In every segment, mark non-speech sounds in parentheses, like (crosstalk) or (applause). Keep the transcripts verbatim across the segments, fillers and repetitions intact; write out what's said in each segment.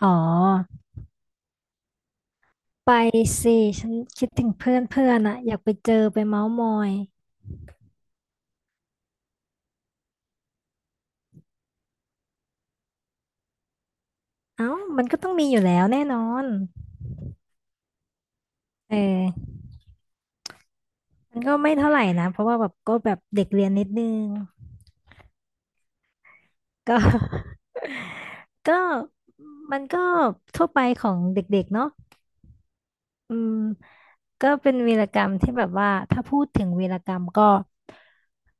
อ๋อไปสิฉันคิดถึงเพื่อนเพื่อนอะอยากไปเจอไปเม้าท์มอยเอ้ามันก็ต้องมีอยู่แล้วแน่นอนเออมันก็ไม่เท่าไหร่นะเพราะว่าแบบก็แบบเด็กเรียนนิดนึงก็ (laughs) ก็มันก็ทั่วไปของเด็กๆเนาะ อืมก็เป็นวีรกรรมที่แบบว่าถ้าพูดถึงวีรกรรมก็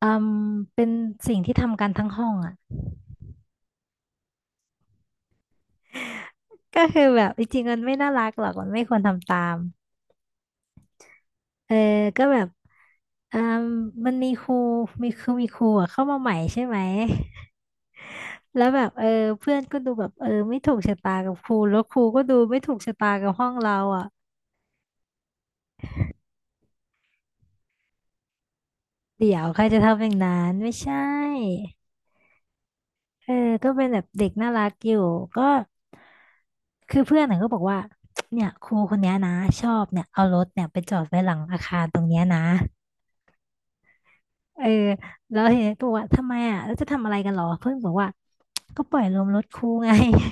อืมเป็นสิ่งที่ทำกันทั้งห้องอ่ะก็คือแบบจริงๆมันไม่น่ารักหรอกมันไม่ควรทำตามเออก็แบบอืมมันมีครูมีคือมีครูอะเข้ามาใหม่ใช่ไหมแล้วแบบเออเพื่อนก็ดูแบบเออไม่ถูกชะตากับครูแล้วครูก็ดูไม่ถูกชะตากับห้องเราอ่ะเดี๋ยวใครจะทำอย่างนั้นไม่ใช่ เออก็เป็นแบบเด็กน่ารักอยู่ก็คือเพื่อนน่ะก็บอกว่าเนี่ยครูคนเนี้ยนะชอบเนี่ยเอารถเนี่ยไปจอดไว้หลังอาคารตรงเนี้ยนะเออแล้วเห็นบอกว่าทำไมอ่ะแล้วจะทำอะไรกันหรอเพื่อนบอกว่าก็ปล่อยลมรถครูไง (laughs)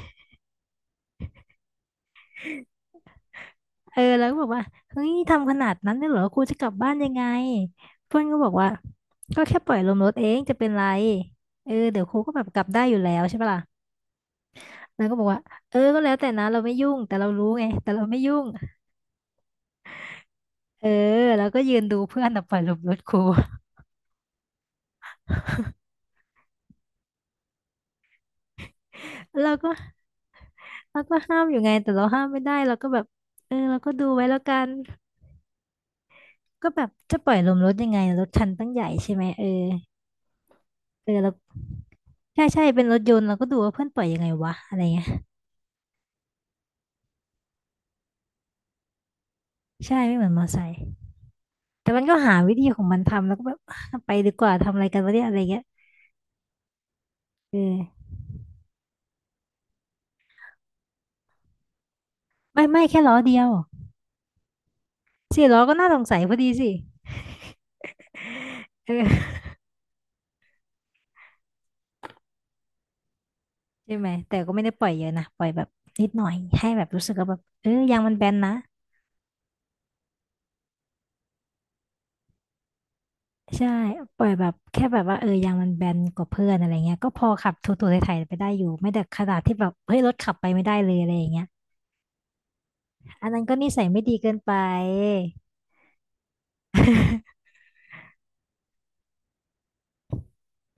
เออแล้วก็บอกว่าเฮ้ยทำขนาดนั้นเลยเหรอครูจะกลับบ้านยังไงเพื่อนก็บอกว่าก็แค่ปล่อยลมรถเองจะเป็นไรเออเดี๋ยวครูก็แบบกลับได้อยู่แล้วใช่ปะล่ะแล้วก็บอกว่าเออก็แล้วแต่นะเราไม่ยุ่งแต่เรารู้ไงแต่เราไม่ยุ่ง เออแล้วก็ยืนดูเพื่อนน่ะปล่อยลมรถครู (laughs) เราก็เราก็ห้ามอยู่ไงแต่เราห้ามไม่ได้เราก็แบบเออเราก็ดูไว้แล้วกันก็แบบจะปล่อยลมรถยังไงรถคันตั้งใหญ่ใช่ไหมเออเออเราใช่ใช่เป็นรถยนต์เราก็ดูว่าเพื่อนปล่อยยังไงวะอะไรเงี้ยใช่ไม่เหมือนมอไซค์แต่มันก็หาวิธีของมันทำแล้วก็แบบไปดีกว่าทำอะไรกันวะเนี่ยอะไรเงี้ยเออไม่ไม่แค่ล้อเดียวสี่ล้อก็น่าสงสัยพอดีสิ ใช่ไหมแต่ก็ไม่ได้ปล่อยเยอะนะปล่อยแบบนิดหน่อยให้แบบรู้สึกว่าแบบเออยางมันแบนนะใช่ปล่อยแบบแค่แบบว่าเออยางมันแบนกว่าเพื่อนอะไรเงี้ยก็พอขับถูๆไถๆไปได้อยู่ไม่ได้ขนาดที่แบบเฮ้ยรถขับไปไม่ได้เลยอะไรอย่างเงี้ยอันนั้นก็นิสัยไม่ดีเกินไป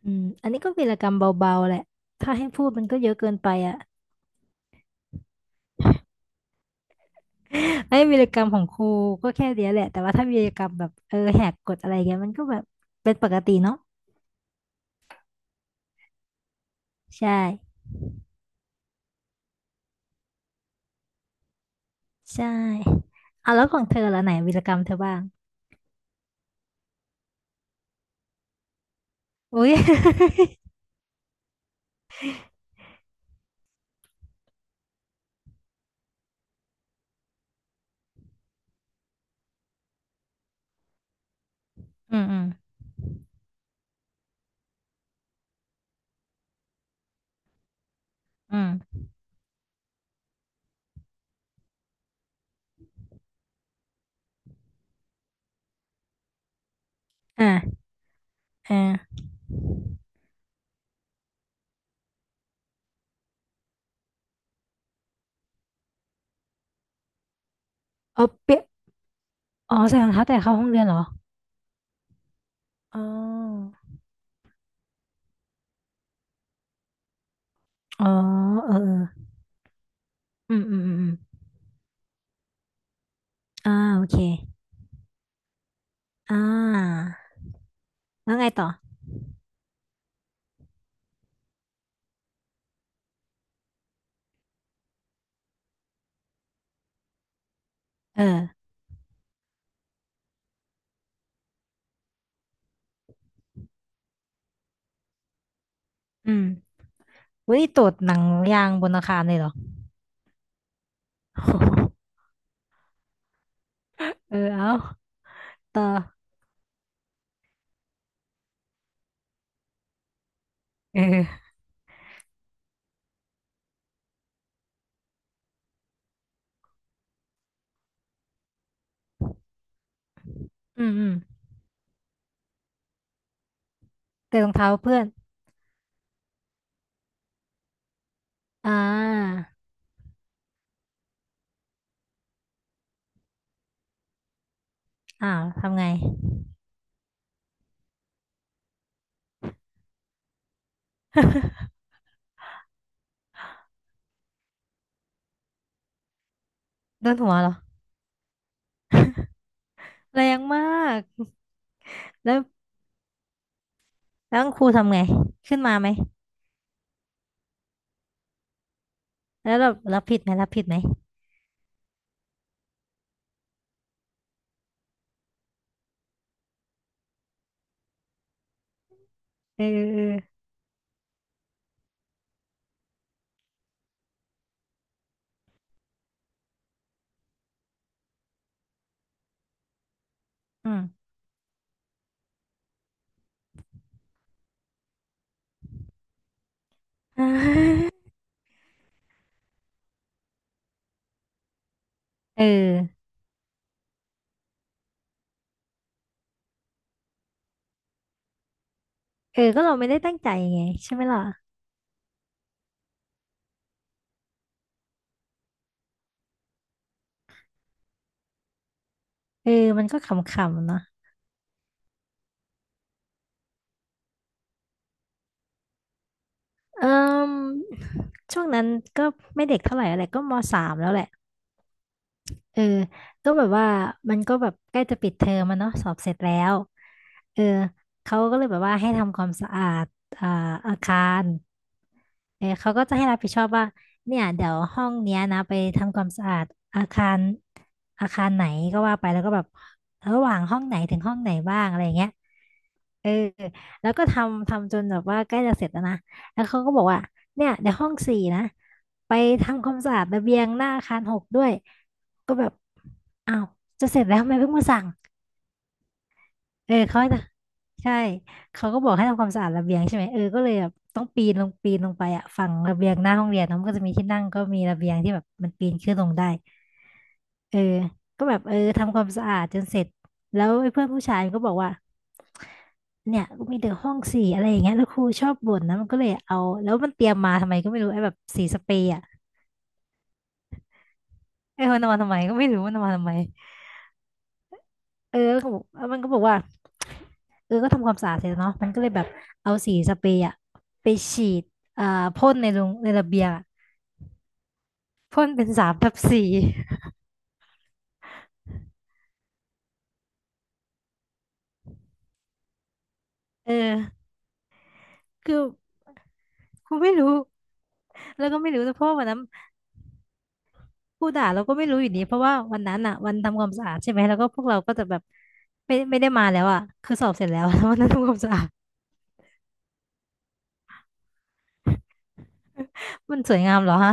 อืมอันนี้ก็วีรกรรมเบาๆแหละถ้าให้พูดมันก็เยอะเกินไปอ่ะ (laughs) ไม่วีรกรรมของครูก็แค่เดียวแหละแต่ว่าถ้าวีรกรรมแบบเออแหกกฎอะไรเงี้ยมันก็แบบเป็นปกติเนาะใช่ ใช่เอาแล้วของเธอละไหนวีรกรรมเธอบ้าง อุ้ย (laughs) อืมอืมอืมอ่าอ่าเอาเปียอ๋อใส่รองเท้าแตะเข้าห้องเรียนเหรออ๋ออ๋อเออเอออืมอืมอืมอืมอ่าโอเคอ่าแล้วไงต่อเอออืมวันนี้ตรวจหนังยางบนอาคารเลยเหรอ (laughs) เออเอาต่อเอออืมอืมเตะรองเท้าเพื่อนอ่าอ้าวทำไง (laughs) โดนหัวเหรอแรงมาก แล้วแล้วครูทำไงขึ้นมาไหมแล้วแบบรับผิดไหมรับผิดไหม เออเอออืม (laughs) อ่าเออเออก็เราไม่ได้ตั้งใจไงใช่ไหมล่ะเออมันก็ขำๆเนาะเออช่วงนั้นก็ไม่เด็กเท่าไหร่อะไรก็มสามแล้วแหละ เออก็แบบว่ามันก็แบบใกล้จะปิดเทอมมันเนาะสอบเสร็จแล้วเออเขาก็เลยแบบว่าให้ทำความสะอาดอ่าอาคารเออเขาก็จะให้รับผิดชอบว่าเนี่ยเดี๋ยวห้องเนี้ยนะไปทำความสะอาดอาคารอาคารไหนก็ว่าไปแล้วก็แบบระหว่างห้องไหนถึงห้องไหนบ้างอะไรอย่างเงี้ยเออแล้วก็ทำทำจนแบบว่าใกล้จะเสร็จแล้วนะแล้วเขาก็บอกว่าเนี่ยเดี๋ยวห้องสี่นะไปทำความสะอาดระเบียงหน้าอาคารหกด้วย ก็แบบอ้าวจะเสร็จแล้วทำไมเพิ่งมาสั่งเออเขาให้นะใช่เขาก็บอกให้ทำความสะอาดระเบียงใช่ไหมเออก็เลยแบบต้องปีนลงปีนลงไปอะฝั่งระเบียงหน้าห้องเรียนเนอะมันก็จะมีที่นั่งก็มีระเบียงที่แบบมันปีนขึ้นลงได้เออก็แบบเออทำความสะอาดจนเสร็จแล้วไอ้เพื่อนผู้ชายก็บอกว่าเนี่ยก็มีแต่ห้องสีอะไรอย่างเงี้ยแล้วครูชอบบ่นนะมันก็เลยเอาแล้วมันเตรียมมาทำไมก็ไม่รู้ไอ้แบบสีสเปรย์อะไอ้มันเอามาทำไมก็ไม่รู้มันเอามาทำไมเออแล้วก็บอกแล้วมันก็บอกว่า เออก็ทำความสะอาดเสร็จแล้วเนาะมันก็เลยแบบเอาสีสเปรย์อะไปฉีดอ่าพ่นในลงในระเบียงอะพ่นเป็นสามทับสี่เออคือกูไม่รู้แล้วก็ไม่รู้นะเพราะว่าวันนั้นผู้ด่าเราก็ไม่รู้อยู่ดีเพราะว่าวันนั้นอะวันทำความสะอาดใช่ไหมแล้วก็พวกเราก็จะแบบไม่ไม่ได้มาแล้วอะคือสอบเสร็จแล้ว (laughs) วันนั้นทำความสะอาดมันสวยงามเหรอฮะ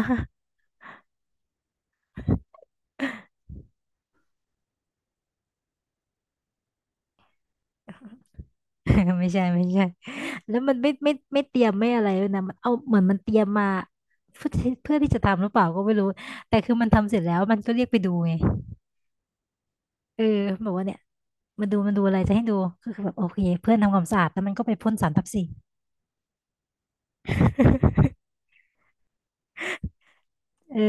(laughs) ไม่ใช่ไม่ใช่ แล้วมันไม่ไม่ไม่เตรียมไม่อะไรเลยนะมันเอาเหมือนมันเตรียมมาเพื่อที่เพื่อที่จะทำหรือเปล่าก็ไม่รู้แต่คือมันทำเสร็จแล้วมันก็เรียกไปดูไงเออบอกว่าเนี่ยมาดูมันดูอะไรจะให้ดูก็คือแบบโอเคเพื่อนทำความสะอาดแล้วมันก็ไปพ่นสารทับสี (laughs) เออ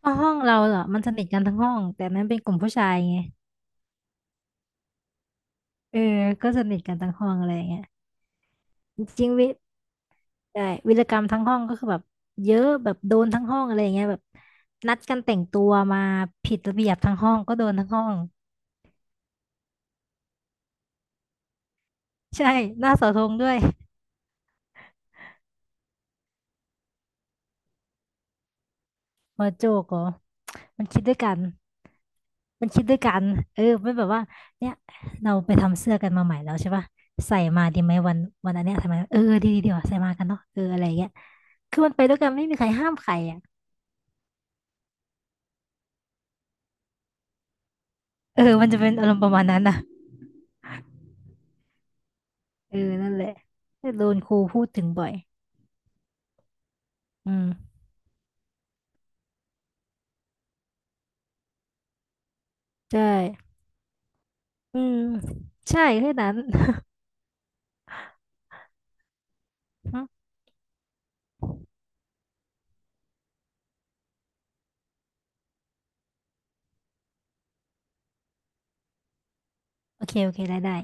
เพราะห้องเราเหรอมันสนิทกันทั้งห้องแต่มันเป็นกลุ่มผู้ชายไงเออก็สนิทกันทั้งห้องอะไรอย่างเงี้ยจริงๆวิใช่วีรกรรมทั้งห้องก็คือแบบเยอะแบบโดนทั้งห้องอะไรอย่างเงี้ยแบบนัดกันแต่งตัวมาผิดระเบียบทั้งห้องก็โดนทั้งห้อง ใช่หน้าเสาธงด้วยหัวโจกเหรอมันคิดด้วยกันมันคิดด้วยกันเออมันแบบว่าเนี่ยเราไปทำเสื้อกันมาใหม่แล้วใช่ปะใส่มาดีไหมวันวันอันเนี้ยใส่มาเออดีดีดีว่ะใส่มากันเนาะเอออะไรเงี้ยคือมันไปด้วยกันไม่มีใครห้ามใครอ่ะเออมันจะเป็นอารมณ์ประมาณนั้นน่ะเออนั่นแหละโดนครูพูดถึงบ่อยอืมใช่อืมใช่แค่นั้นอืมโอเคโอเคได้ได้